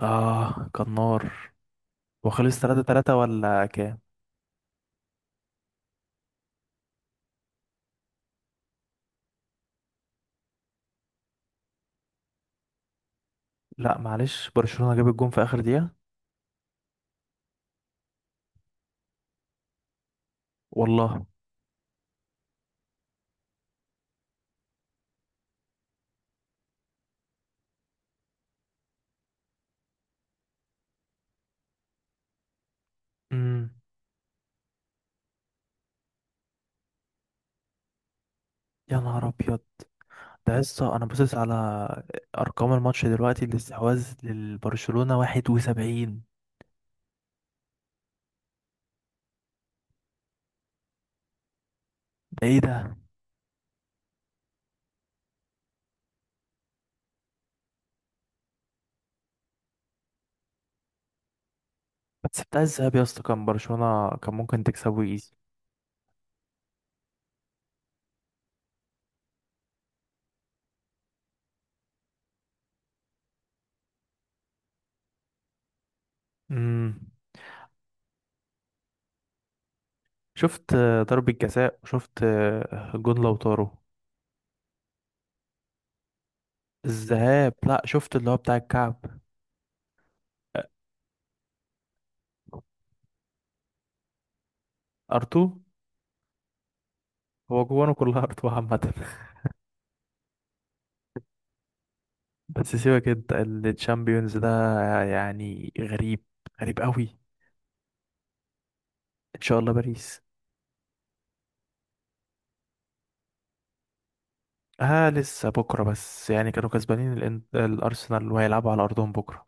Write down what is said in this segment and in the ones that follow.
اه، كان نار. وخلص 3-3 ولا كام؟ لا معلش، برشلونة جاب الجون في اخر دقيقة. والله. امم. يا نهار ابيض. ده لسه انا باصص على ارقام الماتش دلوقتي، الاستحواذ للبرشلونة 71. ده ايه ده؟ بس بتاع الذهاب يا اسطى، كان برشلونة كان ممكن تكسبه ايزي. امم. شفت ضربة جزاء، وشفت جون لوتارو. الذهاب، لا شفت اللي هو بتاع الكعب. ارتو. هو جوانه كلها ارتو عامة. بس سيبك انت. الشامبيونز ده يعني غريب. غريب قوي. ان شاء الله باريس. اه لسه بكره، بس يعني كانوا كسبانين الارسنال، وهيلعبوا على ارضهم بكره.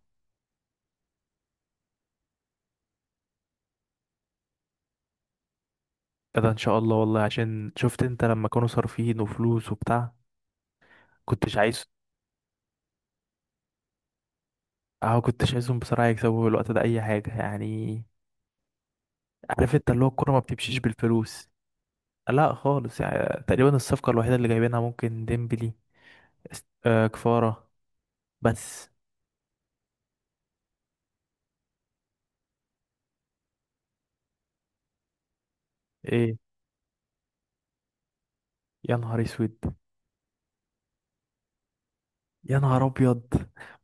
كده ان شاء الله، والله عشان شفت انت لما كانوا صارفين وفلوس وبتاع. كنتش عايز. اه، كنتش عايزهم بصراحه يكسبوا في الوقت ده اي حاجه يعني. عارف انت اللي هو الكوره ما بتمشيش بالفلوس. لا خالص، يعني تقريبا الصفقه الوحيده اللي جايبينها ممكن ديمبلي. كفاره. بس. ايه. يا نهار اسود. يا نهار ابيض.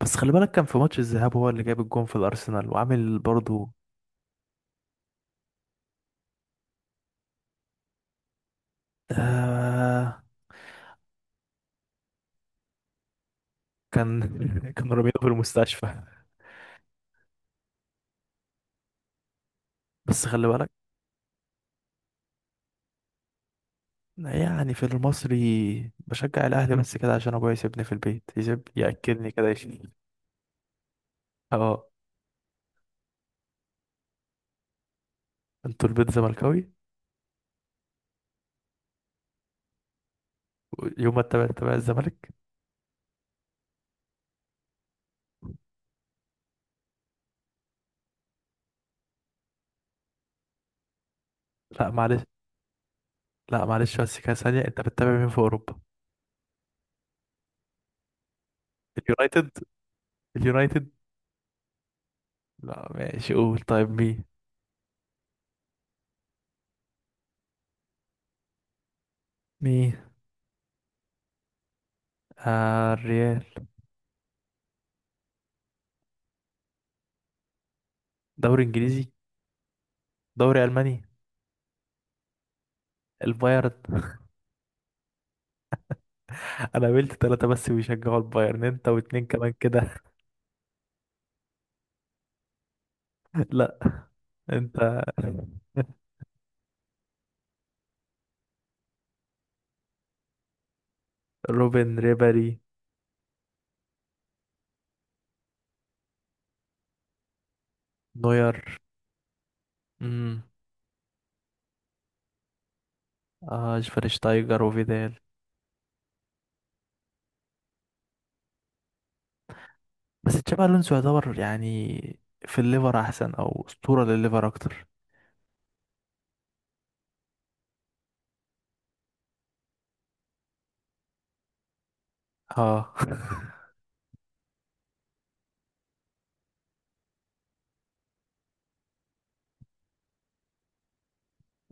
بس خلي بالك، كان في ماتش الذهاب هو اللي جاب الجون في الارسنال وعامل برضو. آه. كان. كانوا رامينه في المستشفى. بس خلي بالك. يعني في المصري بشجع الاهلي، بس كده عشان ابويا يسيبني في البيت، يسيب ياكلني كده يشيل. اه. انتوا البيت زملكاوي. يوم ما تتابع تتابع الزمالك. لا معلش. لا معلش، بس كده ثانيه، انت بتتابع مين في اوروبا؟ اليونايتد. اليونايتد. لا ماشي، قول طيب مين. مين؟ آه الريال. دوري انجليزي. دوري الماني. البايرن. انا قابلت ثلاثة بس بيشجعوا البايرن، انت واتنين كمان كده. لا. انت. روبن ريبري. نوير. امم. آه شفرشتايجر وفيدال. بس تشابي الونسو يعتبر يعني في الليفر احسن، او اسطورة للليفر اكتر. اه.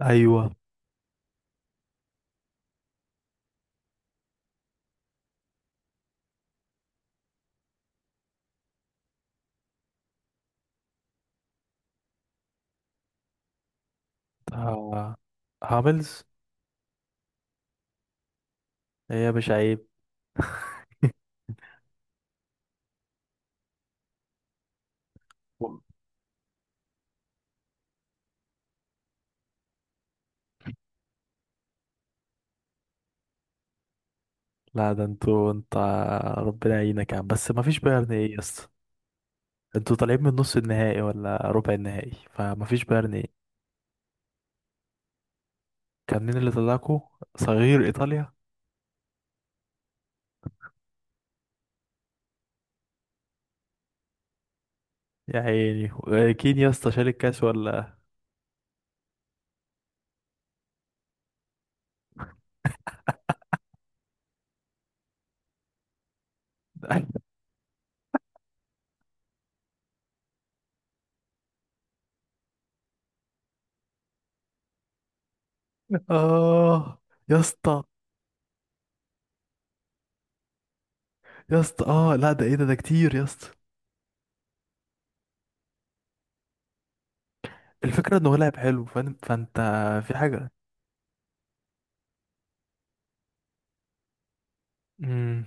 ايوه. آه. هاملز. هي يا باشا عيب. لا ده انتوا انت. ربنا يعينك يا عم، بس ما فيش بايرن ايه يس. انتوا طالعين من نص النهائي ولا ربع النهائي؟ فمفيش بيرني. كان مين اللي طلعكوا؟ صغير ايطاليا. يا عيني كين يا اسطى، شال الكاس ولا؟ اه يا اسطى. يا اسطى اه، لا ده ايه ده كتير يا اسطى. الفكره انه لعب حلو، فانت. في حاجه. امم.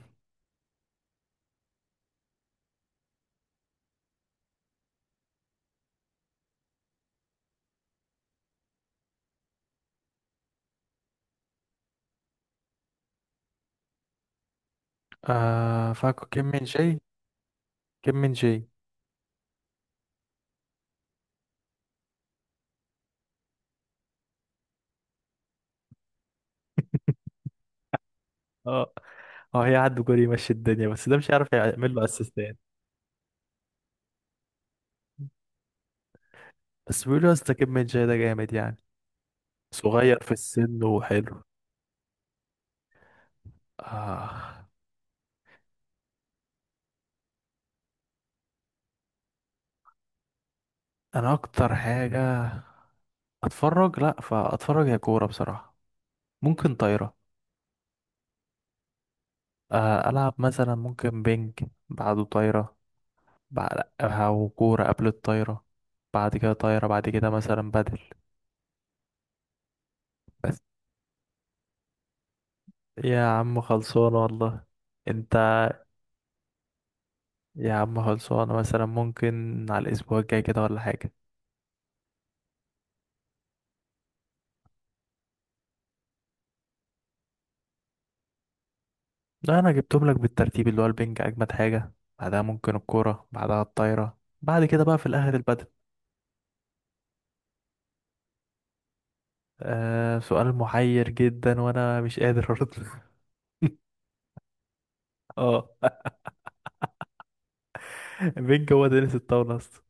آه فاكو، كيم من جاي. كيم من جاي. اه. اه هي عنده جول يمشي الدنيا، بس ده مش عارف يعمل له اسيستات. بس بيقولوا يا اسطى، كيم من جاي ده جامد يعني. صغير في السن وحلو. آه. انا اكتر حاجه اتفرج، لا فاتفرج يا كوره بصراحه. ممكن طايره. العب مثلا ممكن بينج. بعده طايره. بعد او كوره قبل الطايره. بعد كده طايره، بعد كده مثلا بدل. بس. يا عم خلصانه والله. انت. يا عم خلصانه، مثلا ممكن على الاسبوع الجاي كده ولا حاجه. لا انا جبتهم لك بالترتيب، اللي هو البينج اجمد حاجه. بعدها ممكن الكوره، بعدها الطايره، بعد كده بقى في الاخر البدل. آه سؤال محير جدا، وانا مش قادر ارد. اه. مين جوه دينيس الطاولة اصلا؟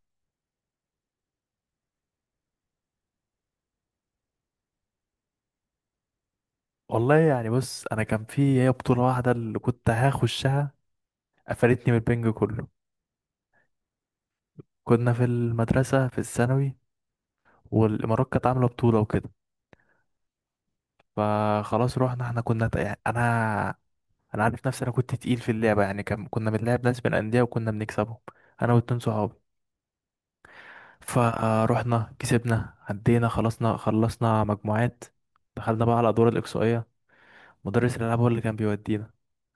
والله يعني، بص انا كان في هي بطولة واحدة اللي كنت هخشها. قفلتني من البنج كله. كنا في المدرسة في الثانوي، والامارات كانت عاملة بطولة وكده. فخلاص رحنا، احنا كنا يعني انا عارف نفسي، انا كنت تقيل في اللعبة يعني. كان كنا بنلعب ناس من الاندية وكنا بنكسبهم. انا واتنين صحابي. فروحنا كسبنا عدينا خلصنا، خلصنا مجموعات. دخلنا بقى على الادوار الاقصائية. مدرس الالعاب هو اللي كان بيودينا.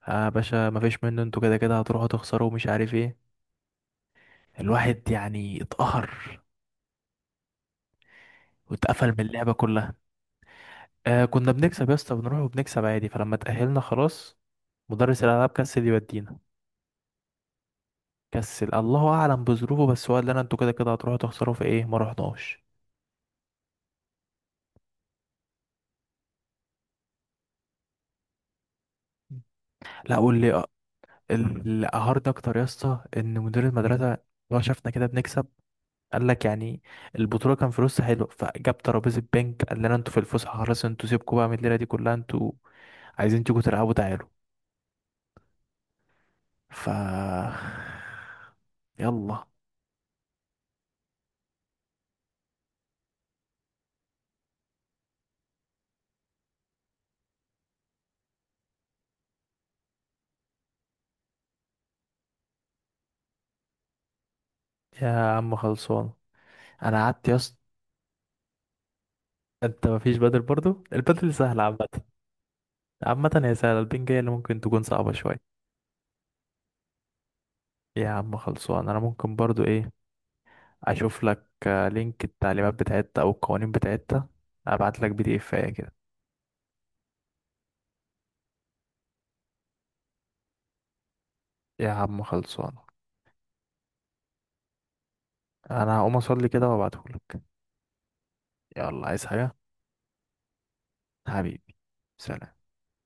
اه يا باشا، مفيش منه، انتوا كده كده هتروحوا تخسروا ومش عارف ايه. الواحد يعني اتقهر، واتقفل من اللعبه كلها. آه كنا بنكسب يا اسطى، بنروح وبنكسب عادي، فلما اتأهلنا خلاص مدرس الالعاب كسل يودينا. كسل. الله اعلم بظروفه، بس هو قال لنا انتوا كده كده هتروحوا تخسروا في ايه، ما رحناش. لا، قول لي اللي قهرني اكتر يا اسطى، ان مدير المدرسه هو شافنا كده بنكسب، قال لك يعني البطوله كان فلوسها حلو، فجاب ترابيزه بنك قال لنا انتوا في الفسحه خلاص، انتوا سيبكوا بقى من الليله دي كلها، انتوا عايزين تيجوا تلعبوا تعالوا. ف. يلا. يا عم خلصان. انا قعدت يا اسطى. انت مفيش بدل برضو، البدل سهل عامه. عامه هي سهله، البنج هي اللي ممكن تكون صعبه شويه. يا عم خلصان، انا ممكن برضو ايه، اشوف لك لينك التعليمات بتاعتها او القوانين بتاعتها. ابعت لك PDF كده. يا عم خلصان، انا هقوم اصلي كده وابعتهولك. يلا، عايز حاجة؟ حبيبي. سلام.